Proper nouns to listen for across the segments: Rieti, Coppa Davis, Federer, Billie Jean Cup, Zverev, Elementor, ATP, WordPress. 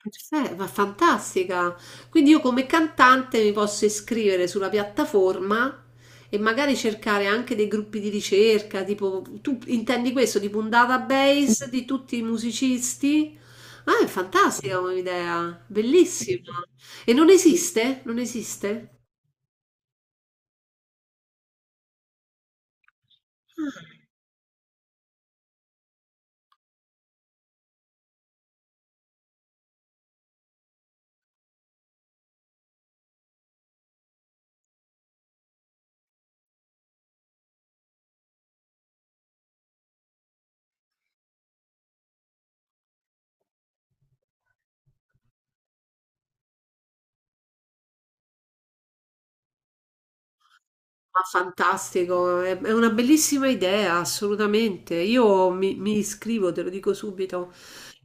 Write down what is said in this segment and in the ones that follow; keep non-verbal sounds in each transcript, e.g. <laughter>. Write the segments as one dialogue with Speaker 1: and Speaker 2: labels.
Speaker 1: Perfetto, ma fantastica. Quindi io come cantante mi posso iscrivere sulla piattaforma e magari cercare anche dei gruppi di ricerca, tipo tu intendi questo, tipo un database di tutti i musicisti? Ah, è fantastica come idea, bellissima. E non esiste? Non esiste? Ma fantastico, è una bellissima idea, assolutamente. Io mi iscrivo, te lo dico subito.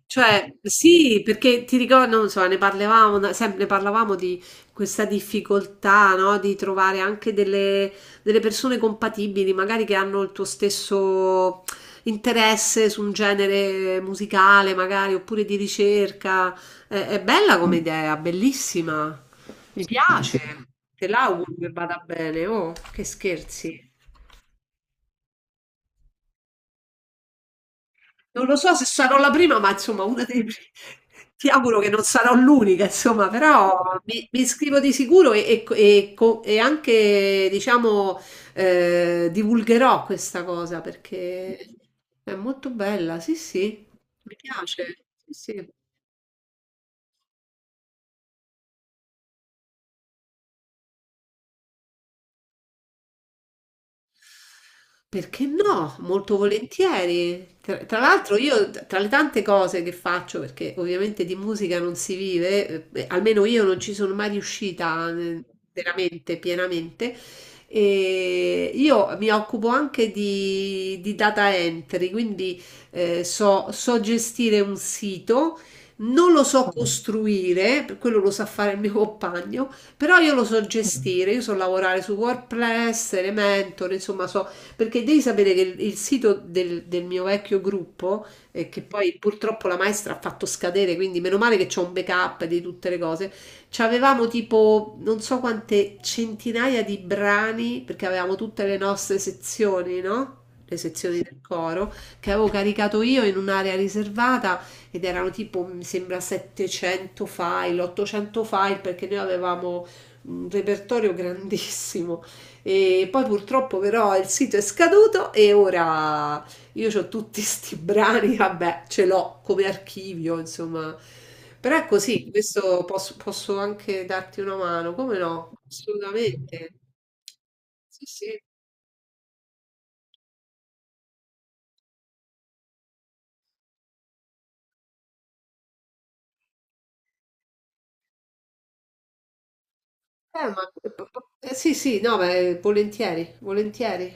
Speaker 1: Cioè, sì, perché ti ricordo, non so, ne parlavamo, sempre parlavamo di questa difficoltà, no? Di trovare anche delle persone compatibili, magari che hanno il tuo stesso interesse su un genere musicale, magari, oppure di ricerca. È bella come idea, bellissima. Mi piace, te l'auguro che vada bene, oh, che scherzi. Non lo so se sarò la prima, ma insomma, una dei primi. <laughs> Ti auguro che non sarò l'unica, insomma, però mi iscrivo di sicuro e e anche, diciamo, divulgherò questa cosa perché è molto bella, sì, sì, mi piace, sì, sì. Perché no? Molto volentieri. Tra l'altro io, tra le tante cose che faccio, perché ovviamente di musica non si vive, beh, almeno io non ci sono mai riuscita veramente, pienamente, e io mi occupo anche di data entry, quindi so gestire un sito, non lo so costruire, per quello lo sa fare il mio compagno, però io lo so gestire, io so lavorare su WordPress, Elementor, insomma so perché devi sapere che il sito del mio vecchio gruppo, che poi purtroppo la maestra ha fatto scadere, quindi meno male che c'ho un backup di tutte le cose, c'avevamo tipo non so quante centinaia di brani, perché avevamo tutte le nostre sezioni, no? Le sezioni del coro che avevo caricato io in un'area riservata ed erano tipo, mi sembra, 700 file, 800 file perché noi avevamo un repertorio grandissimo e poi purtroppo però il sito è scaduto e ora io ho tutti <laughs> sti brani, vabbè, ce l'ho come archivio, insomma. Però è così, questo posso, posso anche darti una mano, come no? Assolutamente. Sì, sì. Eh, ma- sì, sì, no, beh, volentieri, volentieri.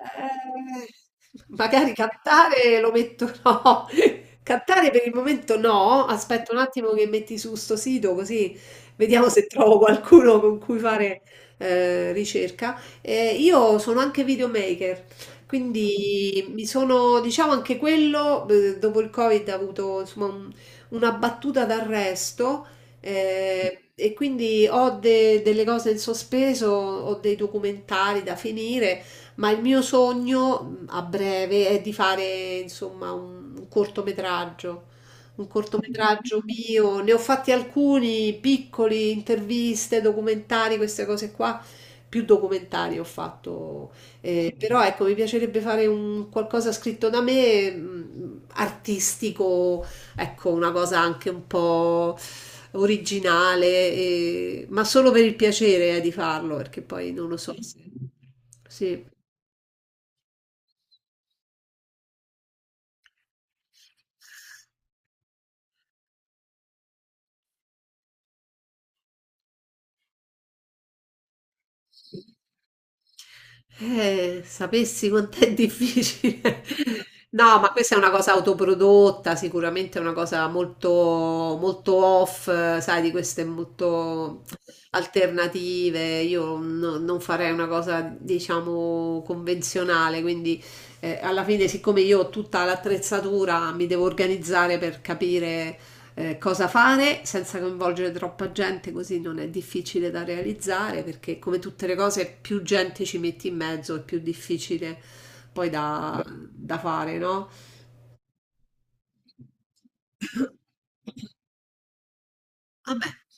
Speaker 1: Eh, magari cantare lo metto no. <laughs> Cantare per il momento no. Aspetto un attimo che metti su sto sito così vediamo se trovo qualcuno con cui fare ricerca. Io sono anche videomaker, quindi mi sono, diciamo anche quello, dopo il Covid ha avuto insomma una battuta d'arresto. E quindi ho delle cose in sospeso, ho dei documentari da finire, ma il mio sogno a breve è di fare insomma un cortometraggio mio. Ne ho fatti alcuni piccoli, interviste, documentari, queste cose qua. Più documentari ho fatto, però ecco, mi piacerebbe fare un qualcosa scritto da me, artistico, ecco, una cosa anche un po' originale, ma solo per il piacere, di farlo, perché poi non lo so se... Sì. Sapessi quanto è difficile. <laughs> No, ma questa è una cosa autoprodotta, sicuramente è una cosa molto, molto off, sai, di queste molto alternative. Io non farei una cosa, diciamo, convenzionale, quindi alla fine, siccome io ho tutta l'attrezzatura, mi devo organizzare per capire cosa fare senza coinvolgere troppa gente, così non è difficile da realizzare perché come tutte le cose più gente ci metti in mezzo è più difficile poi da fare, no?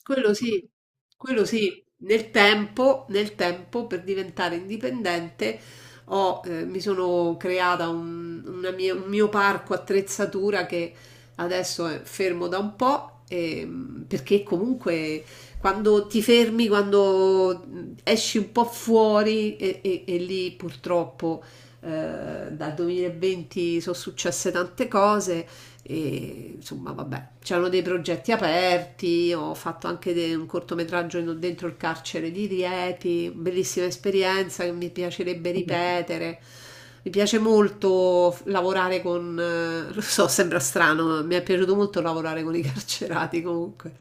Speaker 1: Quello sì, quello sì, nel tempo per diventare indipendente ho, mi sono creata un mio parco attrezzatura che adesso è fermo da un po', perché comunque quando ti fermi, quando esci un po' fuori e lì purtroppo dal 2020 sono successe tante cose e, insomma, vabbè, c'erano dei progetti aperti, ho fatto anche un cortometraggio dentro il carcere di Rieti, bellissima esperienza che mi piacerebbe ripetere. Mi piace molto lavorare con, lo so, sembra strano, ma mi è piaciuto molto lavorare con i <laughs> carcerati comunque.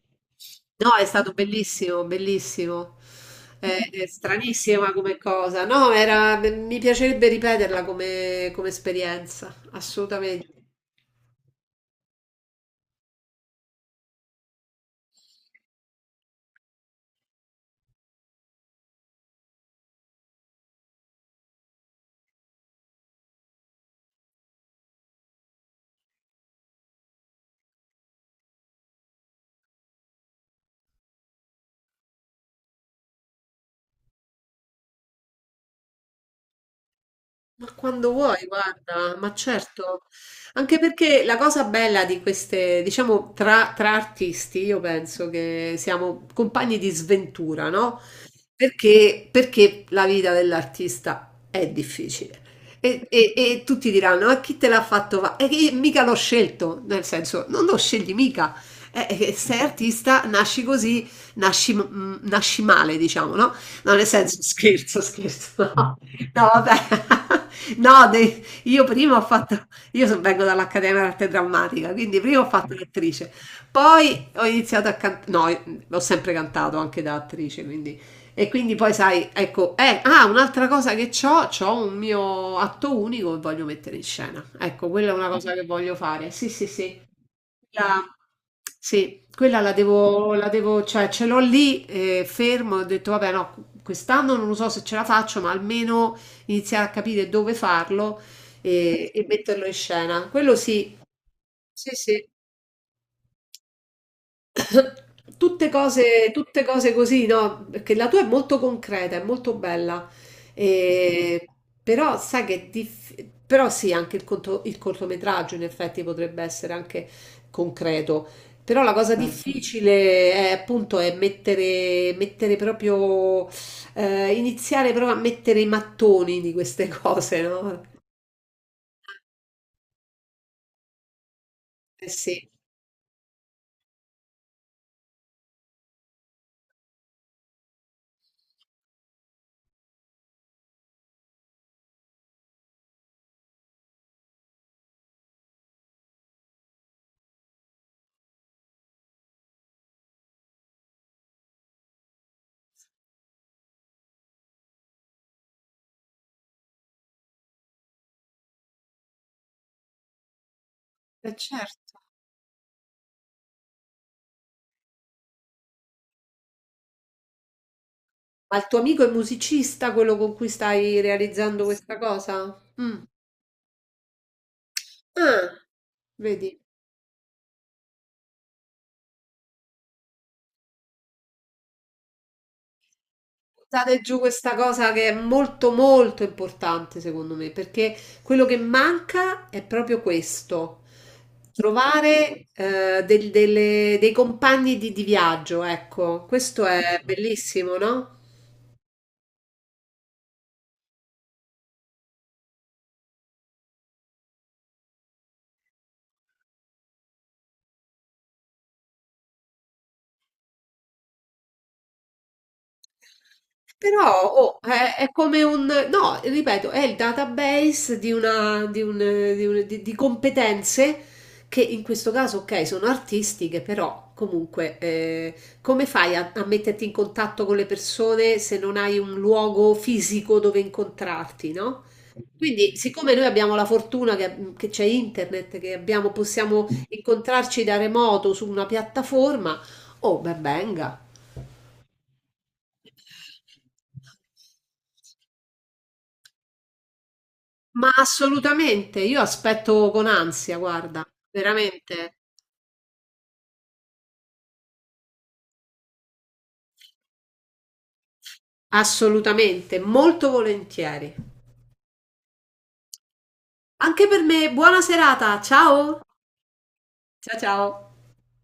Speaker 1: No, è stato bellissimo, bellissimo. È stranissima come cosa. No, era, mi piacerebbe ripeterla come, come esperienza, assolutamente. Ma quando vuoi, guarda, ma certo, anche perché la cosa bella di queste, diciamo, tra artisti, io penso che siamo compagni di sventura, no? Perché la vita dell'artista è difficile. E tutti diranno, ma chi te l'ha fatto? E che mica l'ho scelto, nel senso, non lo scegli mica. Sei artista, nasci così, nasci, mm, nasci male, diciamo, no? No, nel senso, scherzo, scherzo. <laughs> No, vabbè. <laughs> No, io prima ho fatto, vengo dall'Accademia d'Arte Drammatica, quindi prima ho fatto l'attrice, poi ho iniziato a cantare, no, ho sempre cantato anche da attrice, quindi, e quindi poi sai, ecco, un'altra cosa che ho, ho un mio atto unico che voglio mettere in scena, ecco, quella è una cosa che voglio fare, sì, sì, sì, la sì, quella la devo cioè ce l'ho lì, fermo, ho detto: "Vabbè no, quest'anno non lo so se ce la faccio, ma almeno iniziare a capire dove farlo e metterlo in scena." Quello sì, sì, sì. <coughs> Tutte cose così, no? Perché la tua è molto concreta, è molto bella. E- Però sai che è però sì, anche il, il cortometraggio in effetti potrebbe essere anche concreto. Però la cosa Mm. difficile è appunto è mettere, mettere proprio, iniziare proprio a mettere i mattoni di queste <laughs> cose, no? Eh sì. Certo. Ma il tuo amico è musicista, quello con cui stai realizzando questa cosa? Mm. Ah, Vedi, buttate giù questa cosa che è molto molto importante secondo me, perché quello che manca è proprio questo, trovare dei compagni di viaggio, ecco, questo è bellissimo, no? Però oh, è come un, no, ripeto, è il database di, una, di, un, di, un- di competenze che in questo caso, ok, sono artistiche, però comunque come fai a metterti in contatto con le persone se non hai un luogo fisico dove incontrarti, no? Quindi, siccome noi abbiamo la fortuna che c'è internet, possiamo incontrarci da remoto su una piattaforma, oh, ben venga. Ma assolutamente, io aspetto con ansia, guarda, veramente, assolutamente, molto volentieri. Anche per me, buona serata, ciao! Ciao ciao!